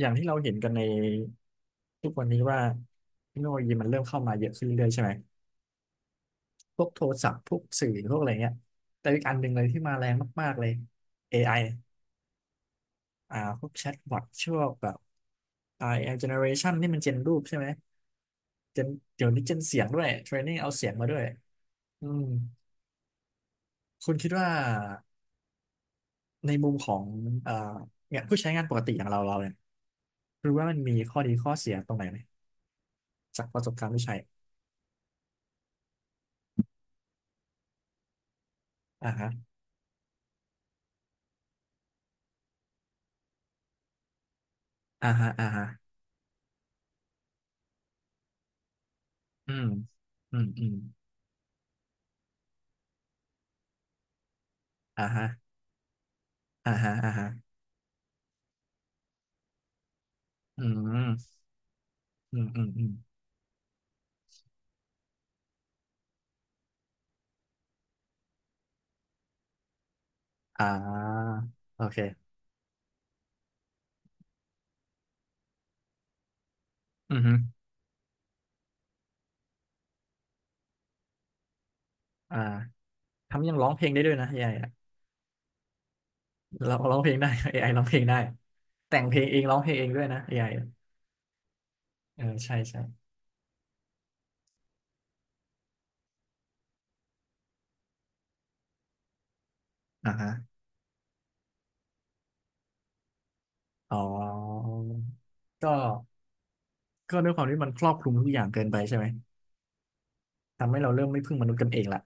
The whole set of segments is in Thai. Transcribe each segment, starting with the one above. อย่างที่เราเห็นกันในทุกวันนี้ว่าเทคโนโลยีมันเริ่มเข้ามาเยอะขึ้นเรื่อยๆใช่ไหมพวกโทรศัพท์พวกสื่อพวกอะไรเงี้ยแต่อีกอันหนึ่งเลยที่มาแรงมากๆเลย AI อไออ่าพวกแชทบอทช่วงแบบ AI generation นี่มันเจนรูปใช่ไหมเจนเดี๋ยวนี้เจนเสียงด้วยเทรนนิ่งเอาเสียงมาด้วยอืมคุณคิดว่าในมุมของเอ่อเนี่ยผู้ใช้งานปกติอย่างเราเนี่ยรู้ว่ามันมีข้อดีข้อเสียตรงไหนไหมจากประสบการณ์ที่ใช้อ่าฮะอ่าฮะอ่าฮะอืมอืมอืม อ่าฮะอ่าฮะอ่าฮะอืมอืมอืมอืมอ่าโอเคอือฮึอ่าทำยังร้องเพลงได้ด้วยนะ AI อไออะเราร้องเพลงได้ AI ร้องเพลงได้แต่งเพลงเองร้องเพลงเองด้วยนะ AI อไออะเออใช่ใช่อ่าฮะอ๋อก็ก็ด้วยความที่มันครอบคลุมทุกอย่างเกินไปใช่ไหมทำให้เราเริ่มไม่พึ่งมนุษย์กันเองละ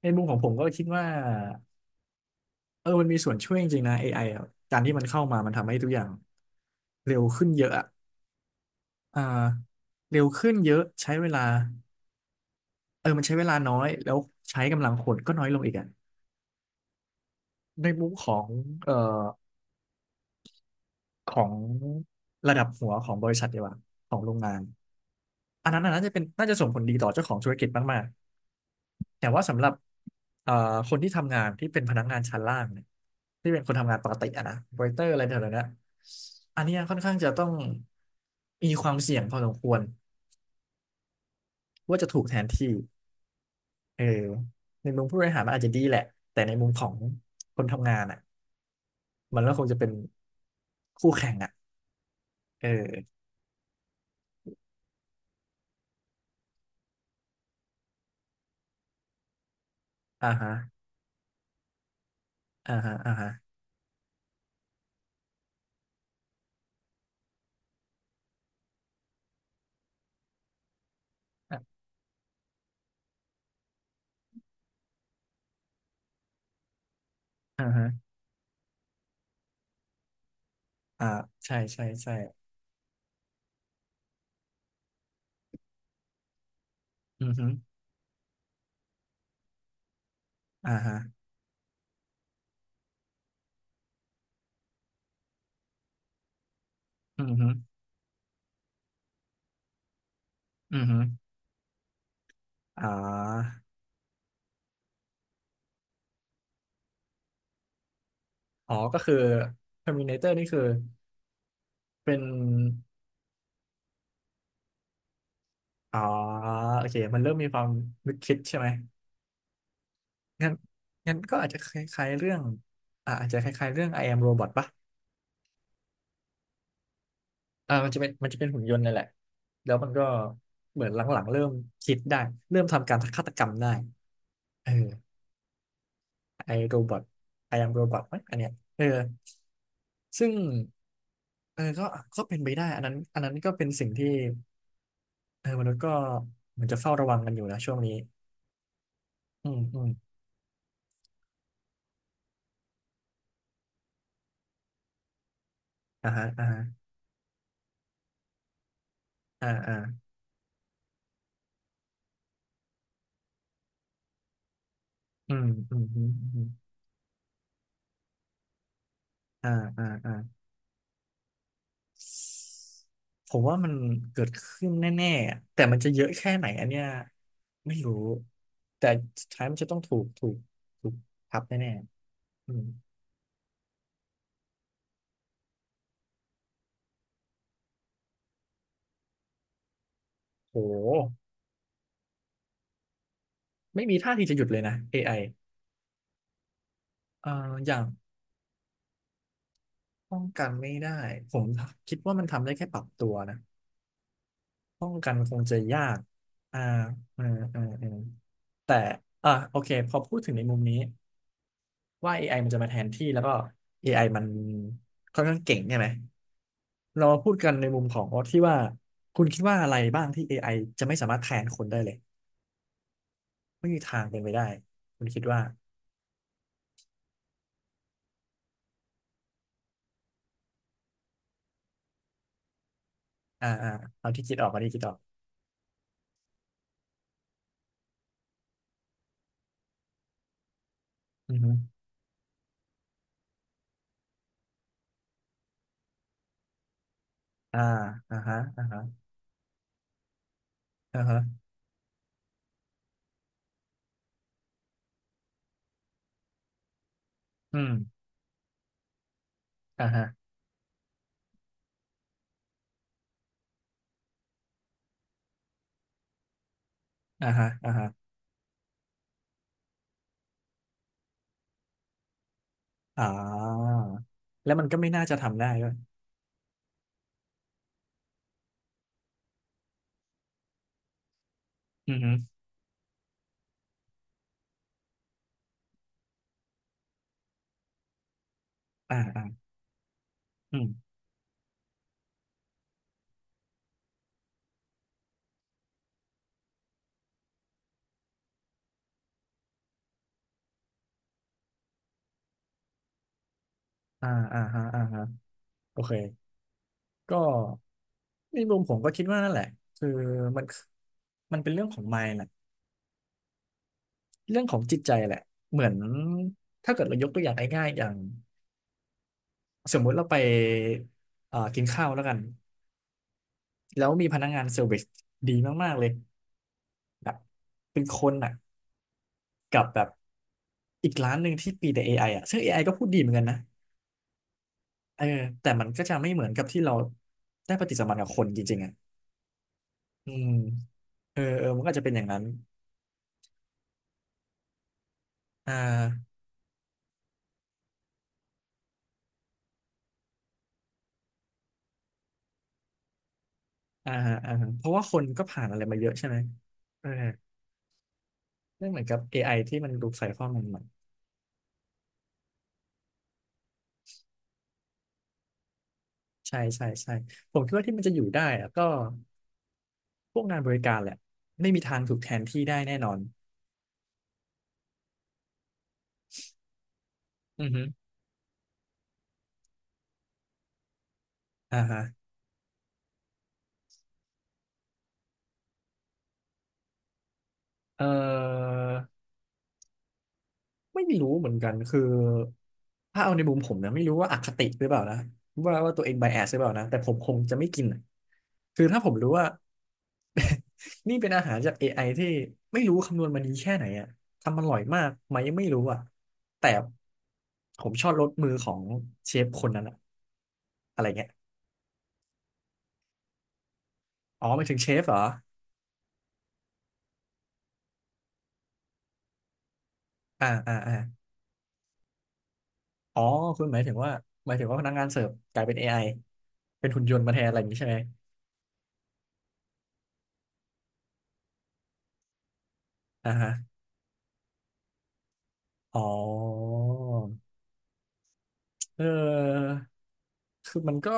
ในมุมของผมก็คิดว่าเออมันมีส่วนช่วยจริงๆนะ AI อไออะการที่มันเข้ามามันทำให้ทุกอย่างเร็วขึ้นเยอะอะอ่าเร็วขึ้นเยอะใช้เวลา เออมันใช้เวลาน้อยแล้วใช้กำลังคนก็น้อยลงอีกอ่ะในมุมของเอ่อของระดับหัวของบริษัทดีกว่าของโรงงาน อันนั้นน่ะน่าจะส่งผลดีต่อเจ้าของธุรกิจมากๆแต่ว่าสำหรับเอ่อคนที่ทำงานที่เป็นพนักงานชั้นล่างเนี่ยที่เป็นคนทำงานปกติอะนะเวเตอร์อะไรแถวๆเนี้ยอันเนี้ยค่อนข้างจะต้อง มีความเสี่ยงพอสมควรว่าจะถูกแทนที่เออในมุมผู้บริหารมันอาจจะดีแหละแต่ในมุมของคนทำงานอ่ะ มันก็คงจะเป็นคู่แข่งอ่ะเอออ่าฮะอ่าฮะอ่าฮะอ่าอ่าฮะอ่าใช่ใช่ใช่ อือฮึอ่าฮะอือฮึอือฮึอ่าอ๋อก็คือ Terminator นี่คือเป็นอ๋อโอเคมันเริ่มมีความนึกคิดใช่ไหมงั้นก็อาจจะคล้ายๆเรื่องอ่าอาจจะคล้ายๆเรื่อง I am Robot ปะอ่ามันจะเป็นหุ่นยนต์นั่นแหละแล้วมันก็เหมือนหลังๆเริ่มคิดได้เริ่มทำการฆาตกรรมได้เออ ไอโรบอทไอแอมโรบอทไหมอันเนี้ยเออซึ่งเออก็เป็นไปได้อันนั้นก็เป็นสิ่งที่เออมนุษย์ก็เหมือนจะเฝ้าระวังกันอยู่นะช่วงนี้อืมอืมอ่าฮะอ่าฮะอ่าอ่าอืมอืมอืมอืมอ่าอ่าอ่าผมว่ามันเกิดขึ้นแน่ๆอะแต่มันจะเยอะแค่ไหนอันเนี้ยไม่รู้ แต่สุดท้ายมันจะต้องถูกทับแน่ๆอืมโหไม่มีท่าทีจะหยุดเลยนะ AI เอ่ออย่าง ป้องกันไม่ได้ผมคิดว่ามันทำได้แค่ปรับตัวนะป้องกันคงจะยากอ่าอ่าอ่าอ่าแต่อ่าโอเคพอพูดถึงในมุมนี้ว่า AI มันจะมาแทนที่แล้วก็ AI มันค่อนข้างเก่งใช่ไหมเรามาพูดกันในมุมของที่ว่าคุณคิดว่าอะไรบ้างที่ AI จะไม่สามารถแทนคนได้เลยไม่มีทางเป็นไปได้คุณคิดว่าอ่าอ่าเอาที่คิดออกอือฮึอ่าอ่าฮะอ่าฮะอ่าฮะอืมอ่าฮะอ่าฮะอ่าฮะ อ่าแล้วมันก็ไม่น่าจะทำได้ด้วยอืมฮึอ่าอ่าอืมอ่าอ่าฮะอ่าฮะโอเค ก็ในมุมผมก็คิดว่านั่นแหละ คือมันมันเป็นเรื่องของ mind แหละเรื่องของจิตใจแหละ เหมือนถ้าเกิดเรายกตัวอย่างง่ายๆอย่างสมมุติเราไปกินข้าวแล้วกัน แล้วมีพนักงานเซอร์วิสดีมากๆเลยแบบเป็นคนอ่ะ กับแบบอีกร้านหนึ่งที่ปีแต่เอไออ่ะซึ่งเอไอก็พูดดีเหมือนกันนะ เออแต่มันก็จะไม่เหมือนกับที่เราได้ปฏิสัมพันธ์กับคนจริงๆอ่ะอืมเออมันก็อาจจะเป็นอย่างนั้นอ่าอ่าฮะอ่าฮะเพราะว่าคนก็ผ่านอะไรมาเยอะใช่ไหมเออไม่เหมือนกับ AI ที่มันดูใส่ข้อมูลใหม่ใช่ใช่ใช่ผมคิดว่าที่มันจะอยู่ได้อะก็พวกงานบริการแหละไม่มีทางถูกแทนที่ได้แน่นอนอือฮึอ่าฮะเออ ไม่รู้เหมือนกันคือถ้าเอาในมุมผมนะไม่รู้ว่าอคติหรือเปล่านะว่าตัวเองไบแอสหรือเปล่านะแต่ผมคงจะไม่กินอะคือถ้าผมรู้ว่านี่เป็นอาหารจาก AI ที่ไม่รู้คำนวณมาดีแค่ไหนอะทำอร่อยมากไหมไม่รู้อะแต่ผมชอบรสมือของเชฟคนนั้นอะอะไรเงี้ยอ๋อหมายถึงเชฟเหรออ่าอ่าอ่าอ๋อคุณหมายถึงว่าหมายถึงว่าพนักงานเสิร์ฟกลายเป็นเอไอเป็นหุ่นยนต์มาแทนอะไรอย่างนี้ใช่ไหมอ่าฮะอ๋อ เออคือมันก็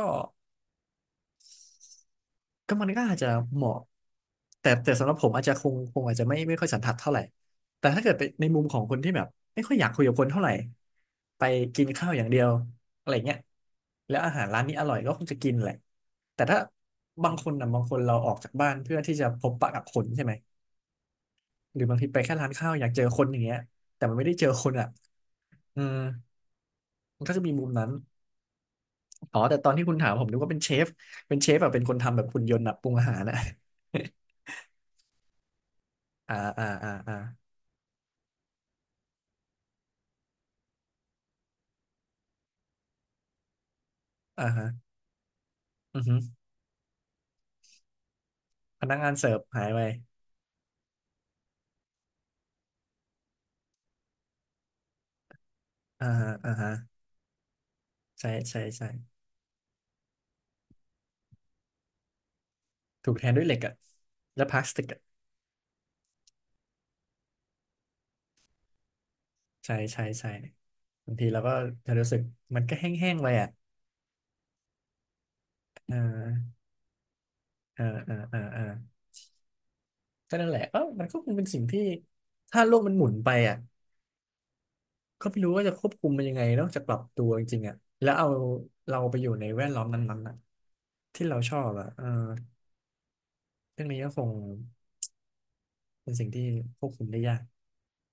มันก็อาจจะเหมาะแต่สำหรับผมอาจจะคงอาจจะไม่ค่อยสันทัดเท่าไหร่แต่ถ้าเกิดไปในมุมของคนที่แบบไม่ค่อยอยากคุยกับคนเท่าไหร่ไปกินข้าวอย่างเดียวอะไรเงี้ยแล้วอาหารร้านนี้อร่อยก็คงจะกินแหละแต่ถ้าบางคนนะบางคนเราออกจากบ้านเพื่อที่จะพบปะกับคนใช่ไหมหรือบางทีไปแค่ร้านข้าวอยากเจอคนอย่างเงี้ยแต่มันไม่ได้เจอคนอ่ะอืมมันก็จะมีมุมนั้น อ๋อ แต่ตอนที่คุณถามผมนึกว่าเป็นเชฟ เป็นเชฟแบบเป็นคนทำแบบหุ่นยนต์แบบปรุงอาหารอะ อ่าอ่าอ่าอ่าอ่าฮะอือฮึพนักงานเสิร์ฟหายไปอ่าฮะอ่าฮะใช่ใช่ใช่ ถูกแทนด้วยเหล็กอะและพลาสติกอะใช่ใช่ใช่บางทีเราก็จะรู้สึกมันก็แห้งๆไปอะอ่าอ่าอ่าอ่าอ่าก็นั่นแหละเออมันก็คงเป็นสิ่งที่ถ้าโลกมันหมุนไปอะ ก็ไม่รู้ว่าจะควบคุมมันยังไงนอกจากปรับตัวจริงๆอ่ะแล้วเอาเราไปอยู่ในแวดล้อมนั้นๆอ่ะที่เราชอบอ่ะเออเรื่องนี้ก็คงเป็นสิ่งที่ควบคุมได้ยาก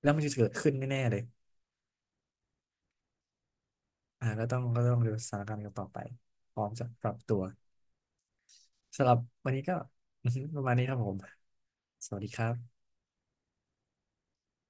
แล้วมันจะเกิดขึ้นแน่ๆเลยอ่าก็ต้องดูสถานการณ์กันต่อไปพร้อมจะปรับตัวสำหรับวันนี้ก็ ประมาณนี้ครับผมสวัสดีครับ